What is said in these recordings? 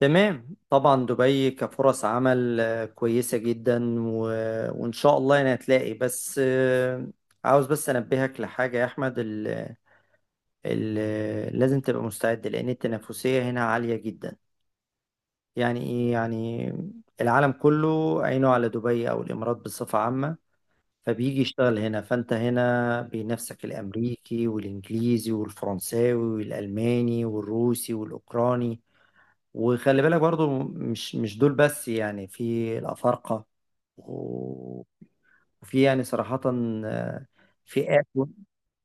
تمام، طبعا، دبي كفرص عمل كويسة جدا. وإن شاء الله أنا هتلاقي. بس آه، عاوز بس أنبهك لحاجة يا أحمد. ال... لازم تبقى مستعد لأن التنافسية هنا عالية جدا. يعني إيه يعني؟ العالم كله عينه على دبي أو الإمارات بصفة عامة، فبيجي يشتغل هنا. فأنت هنا بنفسك الأمريكي والإنجليزي والفرنساوي والألماني والروسي والأوكراني. وخلي بالك برضو مش دول بس، يعني في الأفارقة و- وفي يعني صراحة آه، فئات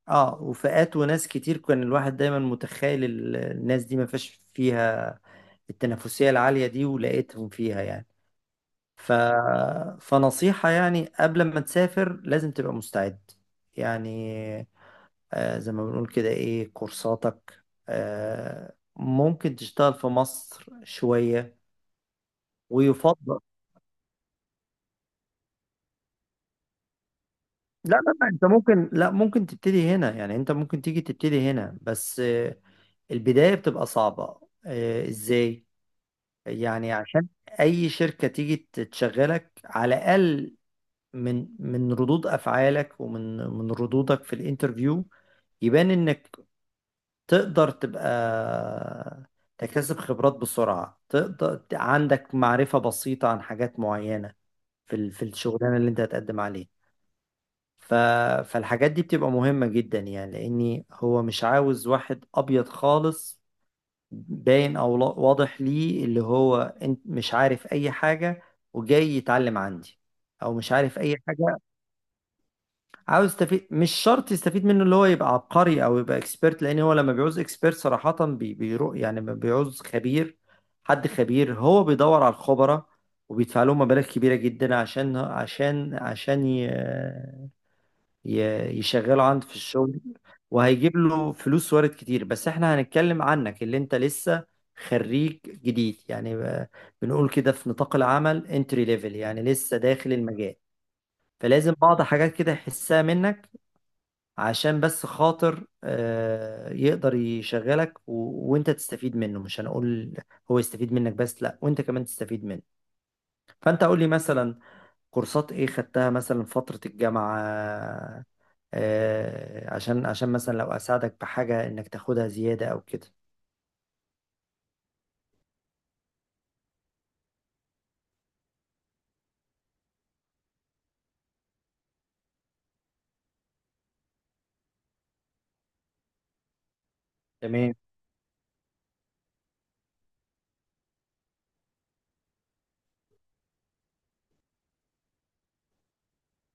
اه، وفئات وناس كتير كان الواحد دايما متخيل الناس دي ما فيش فيها التنافسية العالية دي، ولقيتهم فيها يعني. ف... فنصيحة يعني قبل ما تسافر لازم تبقى مستعد يعني. آه، زي ما بنقول كده ايه كورساتك. آه، ممكن تشتغل في مصر شوية ويفضل. لا لا لا، انت ممكن، لا ممكن تبتدي هنا. يعني انت ممكن تيجي تبتدي هنا، بس آه، البداية بتبقى صعبة. آه، ازاي؟ يعني عشان اي شركة تيجي تشغلك، على الاقل من ردود افعالك ومن ردودك في الانترفيو يبان انك تقدر تبقى تكتسب خبرات بسرعة، تقدر، عندك معرفة بسيطة عن حاجات معينة في الشغلانة اللي انت هتقدم عليها. ف... فالحاجات دي بتبقى مهمة جدا، يعني لأني هو مش عاوز واحد أبيض خالص باين، أو لا- واضح ليه، اللي هو انت مش عارف أي حاجة وجاي يتعلم عندي، أو مش عارف أي حاجة، عاوز يستفيد. مش شرط يستفيد منه اللي هو يبقى عبقري أو يبقى إكسبيرت، لأن هو لما بيعوز إكسبيرت صراحة يعني ما بيعوز خبير. حد خبير هو بيدور على الخبراء وبيدفع لهم مبالغ كبيرة جدا عشان يشغله عند في الشغل. وهيجيب له فلوس وارد كتير. بس احنا هنتكلم عنك اللي انت لسه خريج جديد، يعني بنقول كده في نطاق العمل انتري ليفل، يعني لسه داخل المجال. فلازم بعض حاجات كده يحسها منك عشان بس خاطر يقدر يشغلك وانت تستفيد منه. مش هنقول هو يستفيد منك بس، لا، وانت كمان تستفيد منه. فانت قول لي مثلا كورسات ايه خدتها مثلا فترة الجامعة. عشان مثلا لو اساعدك بحاجه انك تاخدها زياده او كده. تمام.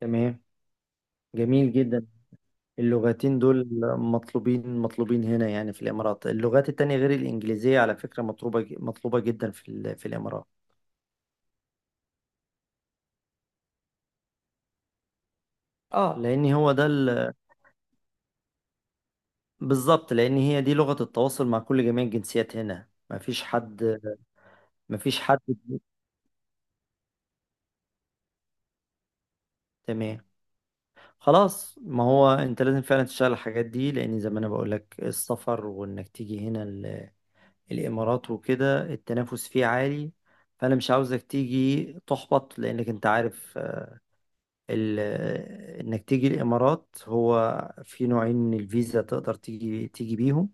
تمام، جميل جدا. اللغتين دول مطلوبين مطلوبين هنا يعني في الامارات. اللغات التانية غير الانجليزيه على فكره مطلوبه، مطلوبه جدا في الامارات. اه لان هو ده بالظبط، لان هي دي لغه التواصل مع كل جميع الجنسيات هنا. مفيش حد، مفيش حد. تمام خلاص. ما هو انت لازم فعلا تشتغل الحاجات دي، لان زي ما انا بقول لك السفر وانك تيجي هنا الإمارات وكده التنافس فيه عالي. فأنا مش عاوزك تيجي تحبط، لأنك أنت عارف آه، ال... آه، إنك تيجي الإمارات. هو في نوعين من الفيزا تقدر تيجي بيهم.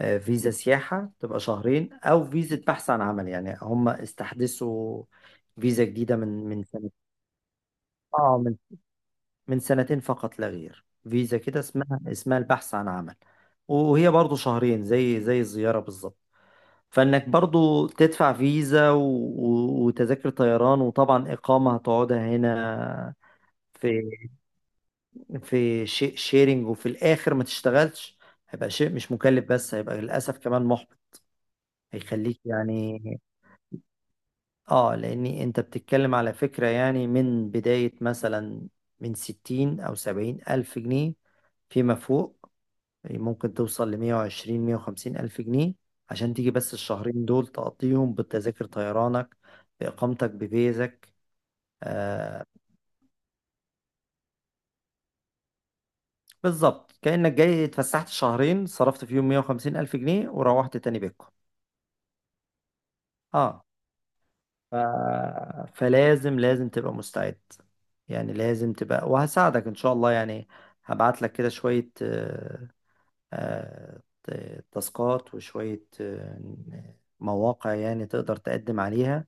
فيزا سياحة تبقى شهرين، أو فيزا بحث عن عمل. يعني هم استحدثوا فيزا جديدة من سنة. آه، من سنتين فقط لا غير. فيزا كده اسمها البحث عن عمل، وهي برضو شهرين زي الزيارة بالظبط. فانك برضو تدفع فيزا، وتذاكر طيران، وطبعا اقامة هتقعدها هنا. في في شيرنج، وفي الاخر ما تشتغلش. هيبقى شيء مش مكلف، بس هيبقى للاسف كمان محبط. هيخليك يعني. اه، لاني انت بتتكلم على فكرة يعني من بداية مثلا من 60 او 70 الف جنيه فيما فوق. يعني ممكن توصل لمية وعشرين، مية وخمسين ألف جنيه عشان تيجي بس الشهرين دول تقضيهم بتذاكر طيرانك بإقامتك بفيزك. آه، بالظبط، كأنك جاي اتفسحت شهرين صرفت فيهم 150 ألف جنيه وروحت تاني بيتكم. اه. ف... فلازم، لازم تبقى مستعد يعني. لازم تبقى، وهساعدك إن شاء الله يعني. هبعت لك كده شوية آه، آه تاسكات، وشوية آه، مواقع يعني تقدر تقدم عليها.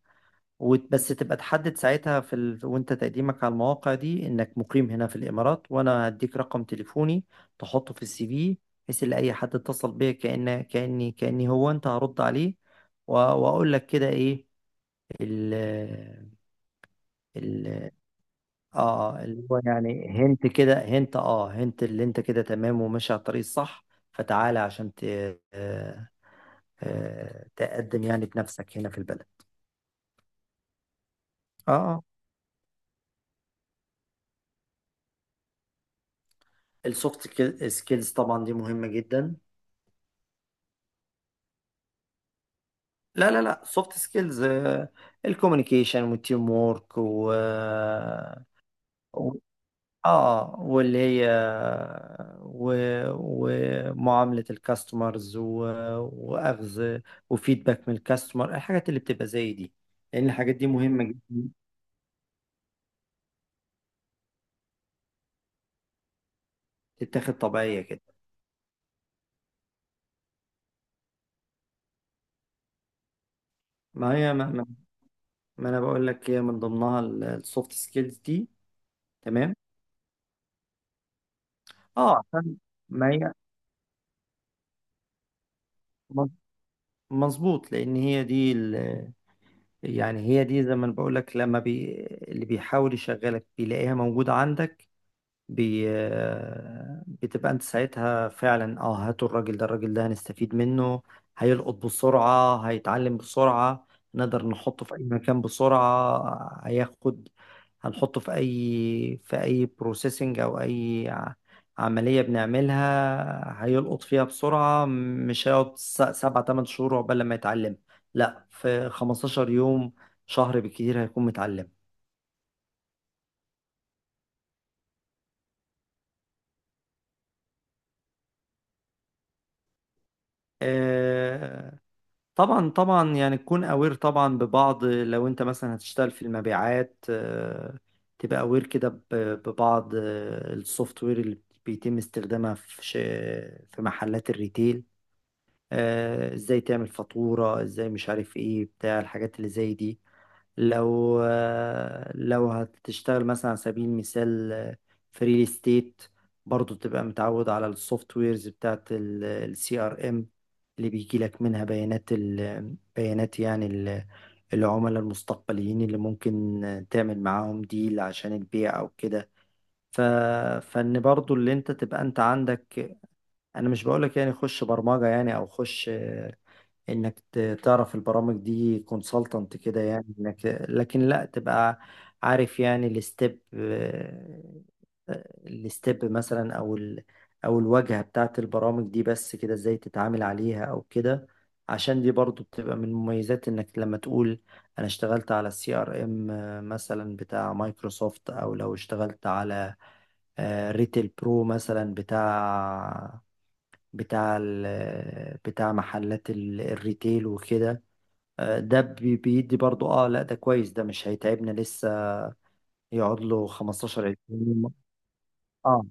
بس تبقى تحدد ساعتها وانت تقديمك على المواقع دي انك مقيم هنا في الامارات، وانا هديك رقم تليفوني تحطه في السي في، بحيث ان اي حد اتصل بيا كأني هو انت، هرد عليه. واقول لك كده ايه ال ال اه، اللي هو يعني هنت كده، هنت، اللي انت كده تمام وماشي على الطريق الصح. فتعالى عشان آه... تقدم يعني بنفسك هنا في البلد. اه. السوفت سكيلز طبعا دي مهمة جدا. لا لا لا، سوفت سكيلز. الكوميونيكيشن والتيم وورك، و- اه، و... ومعاملة الكاستمرز، واخذ وفيدباك من الكاستمر، الحاجات اللي بتبقى زي دي، لان الحاجات دي مهمة جدا، تتاخد طبيعية كده. ما هي ما انا بقول لك هي من ضمنها السوفت سكيلز دي. تمام. اه، عشان ما هي مظبوط، لان هي دي، يعني هي دي زي ما بقول لك. لما اللي بيحاول يشغلك بيلاقيها موجودة عندك، بي آه، بتبقى انت ساعتها فعلا. اه، هاتوا الراجل ده، الراجل ده هنستفيد منه. هيلقط بسرعة، هيتعلم بسرعة. نقدر نحطه في أي مكان بسرعة. هياخد، هنحطه في أي في أي بروسيسنج أو أي عملية بنعملها، هيلقط فيها بسرعة. مش هيقعد سبعة تمن شهور عقبال لما يتعلم. لا، في 15 يوم، شهر بالكتير هيكون متعلم. آه، طبعا طبعا، يعني تكون اوير طبعا ببعض. لو انت مثلا هتشتغل في المبيعات، تبقى اوير كده ببعض السوفت وير اللي بيتم استخدامها في محلات الريتيل. ازاي تعمل فاتورة، ازاي مش عارف ايه، بتاع الحاجات اللي زي دي. لو لو هتشتغل مثلا على سبيل المثال في ريل استيت، برضه تبقى متعود على السوفت ويرز بتاعت السي ار ام اللي بيجي لك منها بيانات، بيانات يعني العملاء المستقبليين اللي ممكن تعمل معاهم ديل عشان البيع او كده. ف... فان برضو اللي انت تبقى انت عندك. انا مش بقولك يعني خش برمجة يعني، او خش انك تعرف البرامج دي كونسلتنت كده، يعني انك لكن لا تبقى عارف يعني الستيب، الستيب مثلا، او او الواجهة بتاعت البرامج دي، بس كده ازاي تتعامل عليها او كده. عشان دي برضو بتبقى من مميزات انك لما تقول انا اشتغلت على السي ار ام مثلا بتاع مايكروسوفت، او لو اشتغلت على ريتيل برو مثلا بتاع بتاع محلات الريتيل وكده. آه، ده بيدي برضو. اه لا، ده كويس، ده مش هيتعبنا. لسه يقعد له 15 20 يوم. اه.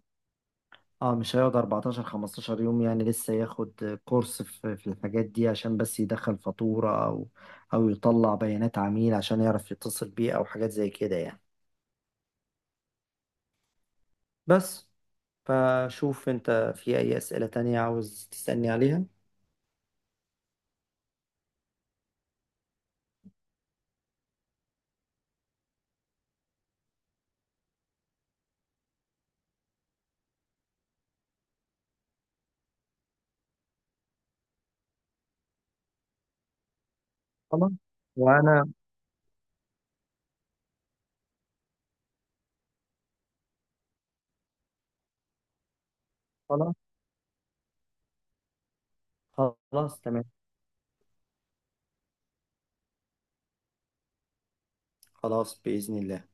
اه، مش هيقعد 14 15 يوم، يعني لسه ياخد كورس في الحاجات دي عشان بس يدخل فاتورة، او او يطلع بيانات عميل عشان يعرف يتصل بيه او حاجات زي كده يعني. بس، فشوف انت في اي اسئلة تانية عاوز تسألني عليها. خلاص. وانا خلاص. خلاص، تمام. خلاص بإذن الله.